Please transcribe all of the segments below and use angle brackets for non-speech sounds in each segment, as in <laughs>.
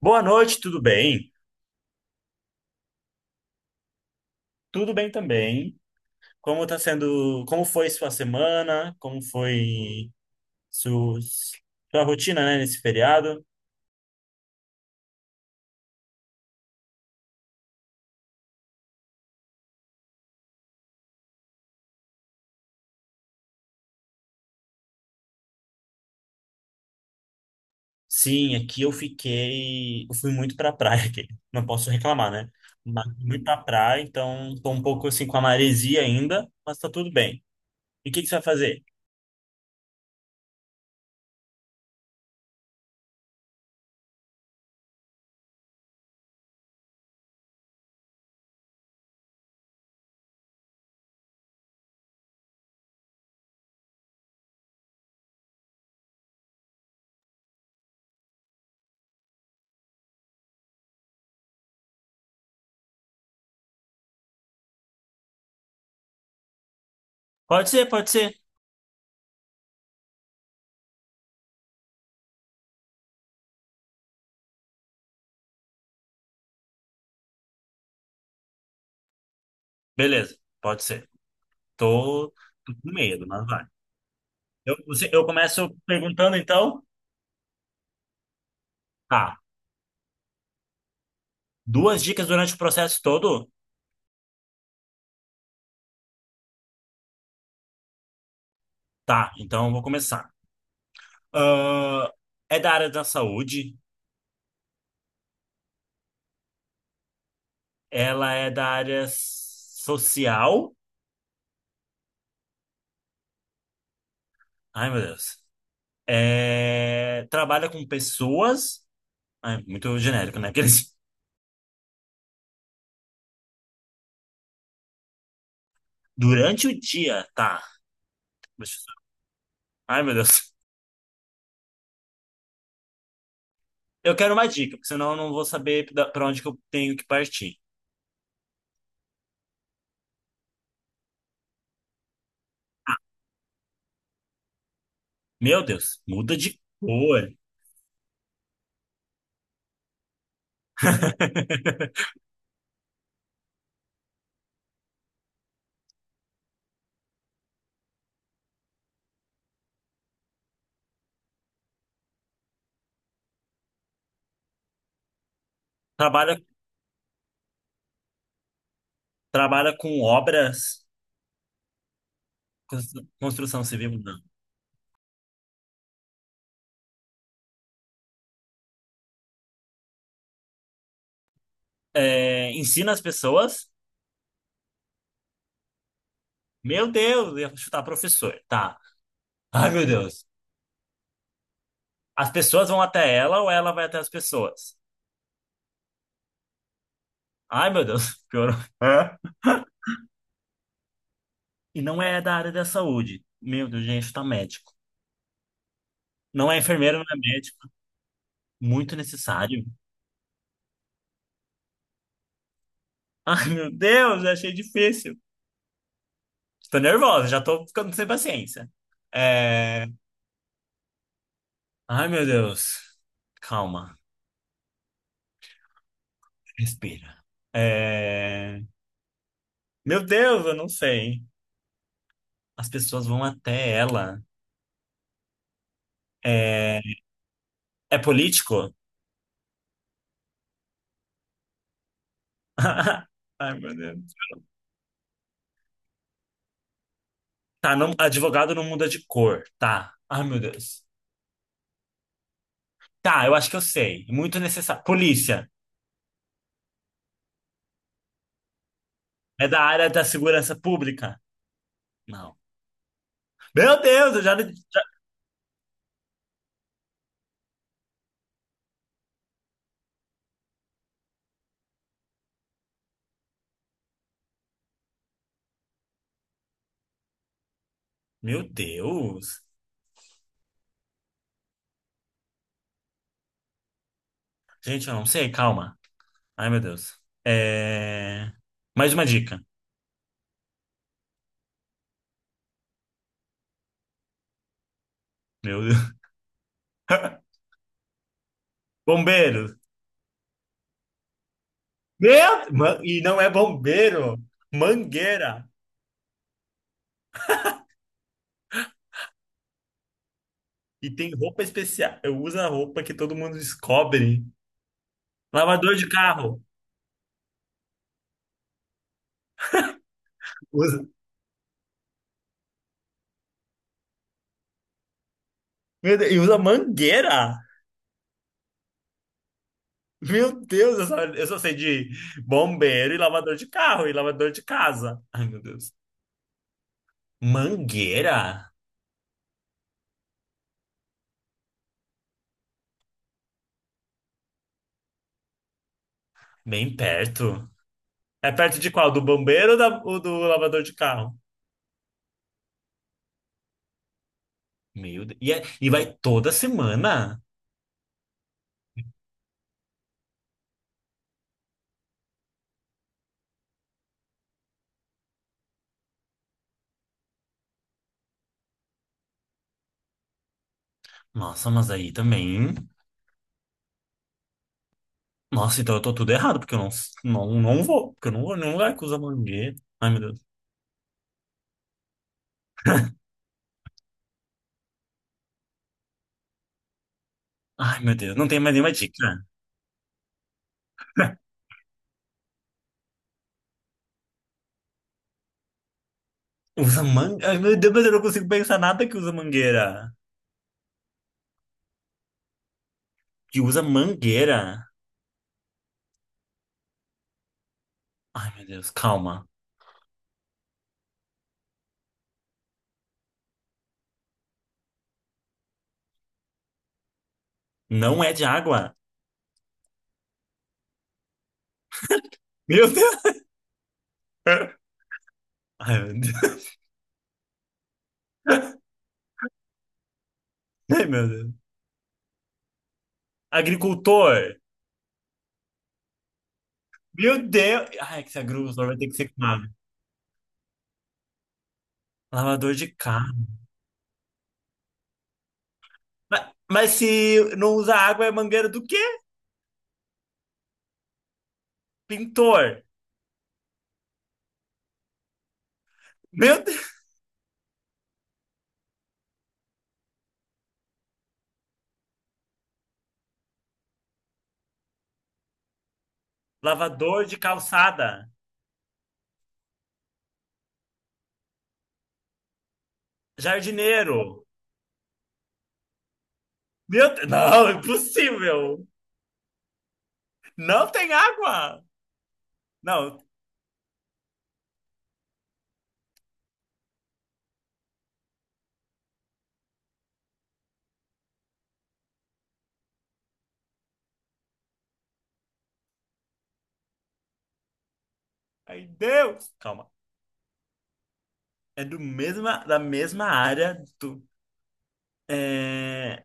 Boa noite, tudo bem? Tudo bem também. Como tá sendo, como foi sua semana? Como foi su- sua rotina, né, nesse feriado? Sim, aqui eu fiquei, eu fui muito pra praia <laughs> aqui. Não posso reclamar, né? Mas fui muito pra praia, então tô um pouco assim com a maresia ainda, mas tá tudo bem. E o que que você vai fazer? Pode ser, pode ser. Beleza, pode ser. Tô, tô com medo, mas vai. Eu começo perguntando então. Tá. Duas dicas durante o processo todo? Tá, então eu vou começar. Ahn, é da área da saúde, ela é da área social. Ai, meu Deus. É, trabalha com pessoas. Ai, muito genérico, né? Aqueles... <laughs> Durante o dia, tá. Deixa eu- Ai, meu Deus. Eu quero uma dica, porque senão eu não vou saber pra onde que eu tenho que partir. Meu Deus, muda de cor. <laughs> Trabalha, trabalha com obras, construção civil, não. É, ensina as pessoas. Meu Deus, ia chutar professor. Tá. Ai, meu Deus. As pessoas vão até ela ou ela vai até as pessoas? Ai, meu Deus, <laughs> piorou. Hã? E não é da área da saúde. Meu Deus, gente, tá médico. Não é enfermeiro, não é médico. Muito necessário. Ai, meu Deus, achei difícil. Tô nervosa, já tô ficando sem paciência. É... Ai, meu Deus. Calma, respira. É... Meu Deus, eu não sei. As pessoas vão até ela. É, é político? <laughs> Ai, meu Deus. Tá, não, advogado não muda de cor, tá. Ai, meu Deus. Tá, eu acho que eu sei. Muito necessário. Polícia. É da área da segurança pública? Não. Meu Deus, eu já... Meu Deus. Gente, eu não sei, calma. Ai, meu Deus. É... Mais uma dica. Meu Deus. <laughs> Bombeiro. E não é bombeiro. Mangueira. E tem roupa especial. Eu uso a roupa que todo mundo descobre. Lavador de carro. Usa. Meu Deus, e usa mangueira? Meu Deus, eu só sei de bombeiro e lavador de carro e lavador de casa. Ai, meu Deus. Mangueira? Bem perto. É perto de qual? Do bombeiro ou do lavador de carro? Meu Deus. E, e vai toda semana? Nossa, mas aí também. Nossa, então eu tô tudo errado, porque eu não, não, não vou. Porque eu não vou em nenhum lugar que usa mangueira. Ai, meu Deus. Ai, meu Deus. Não tem mais nenhuma dica. <laughs> Usa mangueira? Ai, meu Deus, mas eu não consigo pensar nada que usa mangueira. Ai, meu Deus, calma. Não é de água. Meu Deus. Ai, meu Deus. <laughs> Ai, meu Deus. Agricultor. Meu Deus. Ai, que esse agricultor vai ter que ser claro. Lavador de carro. Mas se não usa água, é mangueira do quê? Pintor. Meu Deus. Lavador de calçada. Jardineiro. Meu Deus. Não, impossível. Não tem água. Não. Ai, Deus. Calma. É da mesma área. É.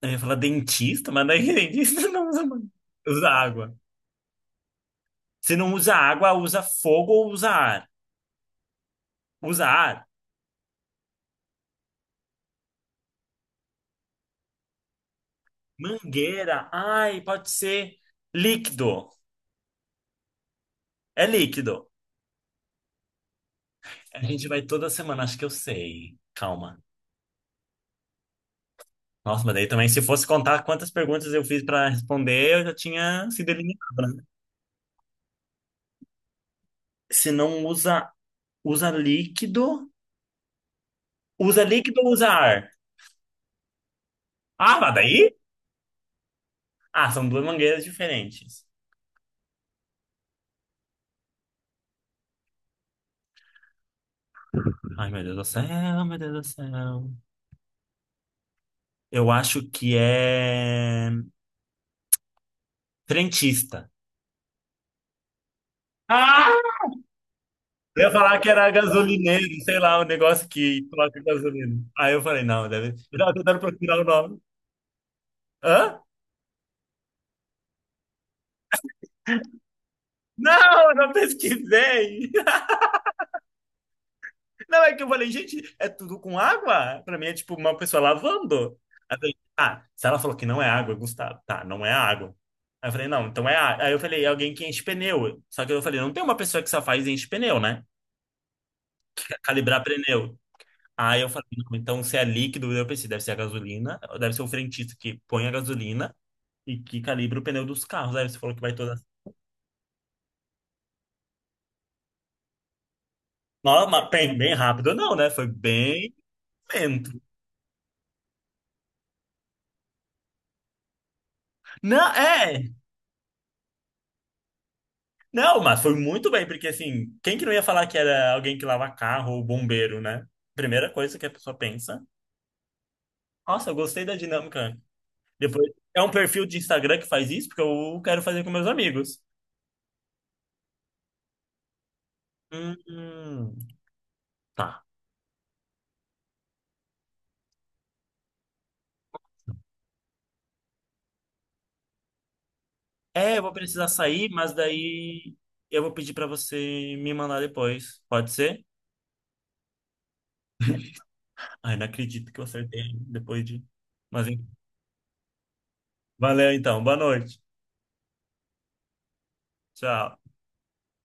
Eu ia falar dentista, mas daí <laughs> dentista não usa manga. Usa água. Se não usa água, usa fogo ou usa ar. Usa ar. Mangueira. Ai, pode ser líquido. É líquido. A gente vai toda semana, acho que eu sei. Calma. Nossa, mas daí também, se fosse contar quantas perguntas eu fiz para responder, eu já tinha sido eliminado, né? Se não usa, usa líquido. Usa líquido ou usa ar? Ah, mas daí? Ah, são duas mangueiras diferentes. Ai, meu Deus do céu, meu Deus do céu. Eu acho que é frentista. Ah! Eu ia falar que era gasolineiro, sei lá, o negócio que coloca gasolina. Aí eu falei, não, deve. Eu tava tentando procurar o nome. Hã? Não, eu não pesquisei. <laughs> Não, é que eu falei, gente, é tudo com água? Pra mim é tipo uma pessoa lavando. Aí eu falei, ah, se ela falou que não é água, Gustavo. Tá, não é água. Aí eu falei, não, então é água. Aí eu falei, é alguém que enche pneu. Só que eu falei, não tem uma pessoa que só faz e enche pneu, né? Calibrar pneu. Aí eu falei, não, então se é líquido, eu pensei, deve ser a gasolina, deve ser o frentista que põe a gasolina e que calibra o pneu dos carros. Aí você falou que vai toda. Nossa, mas bem rápido, não, né? Foi bem lento. Não, é. Não, mas foi muito bem, porque assim, quem que não ia falar que era alguém que lava carro ou bombeiro, né? Primeira coisa que a pessoa pensa. Nossa, eu gostei da dinâmica. Depois, é um perfil de Instagram que faz isso, porque eu quero fazer com meus amigos. Hum, hum. Tá. É, eu vou precisar sair, mas daí eu vou pedir pra você me mandar depois. Pode ser? <laughs> Ai, não acredito que eu acertei depois de. Mas enfim. Valeu então. Boa noite. Tchau.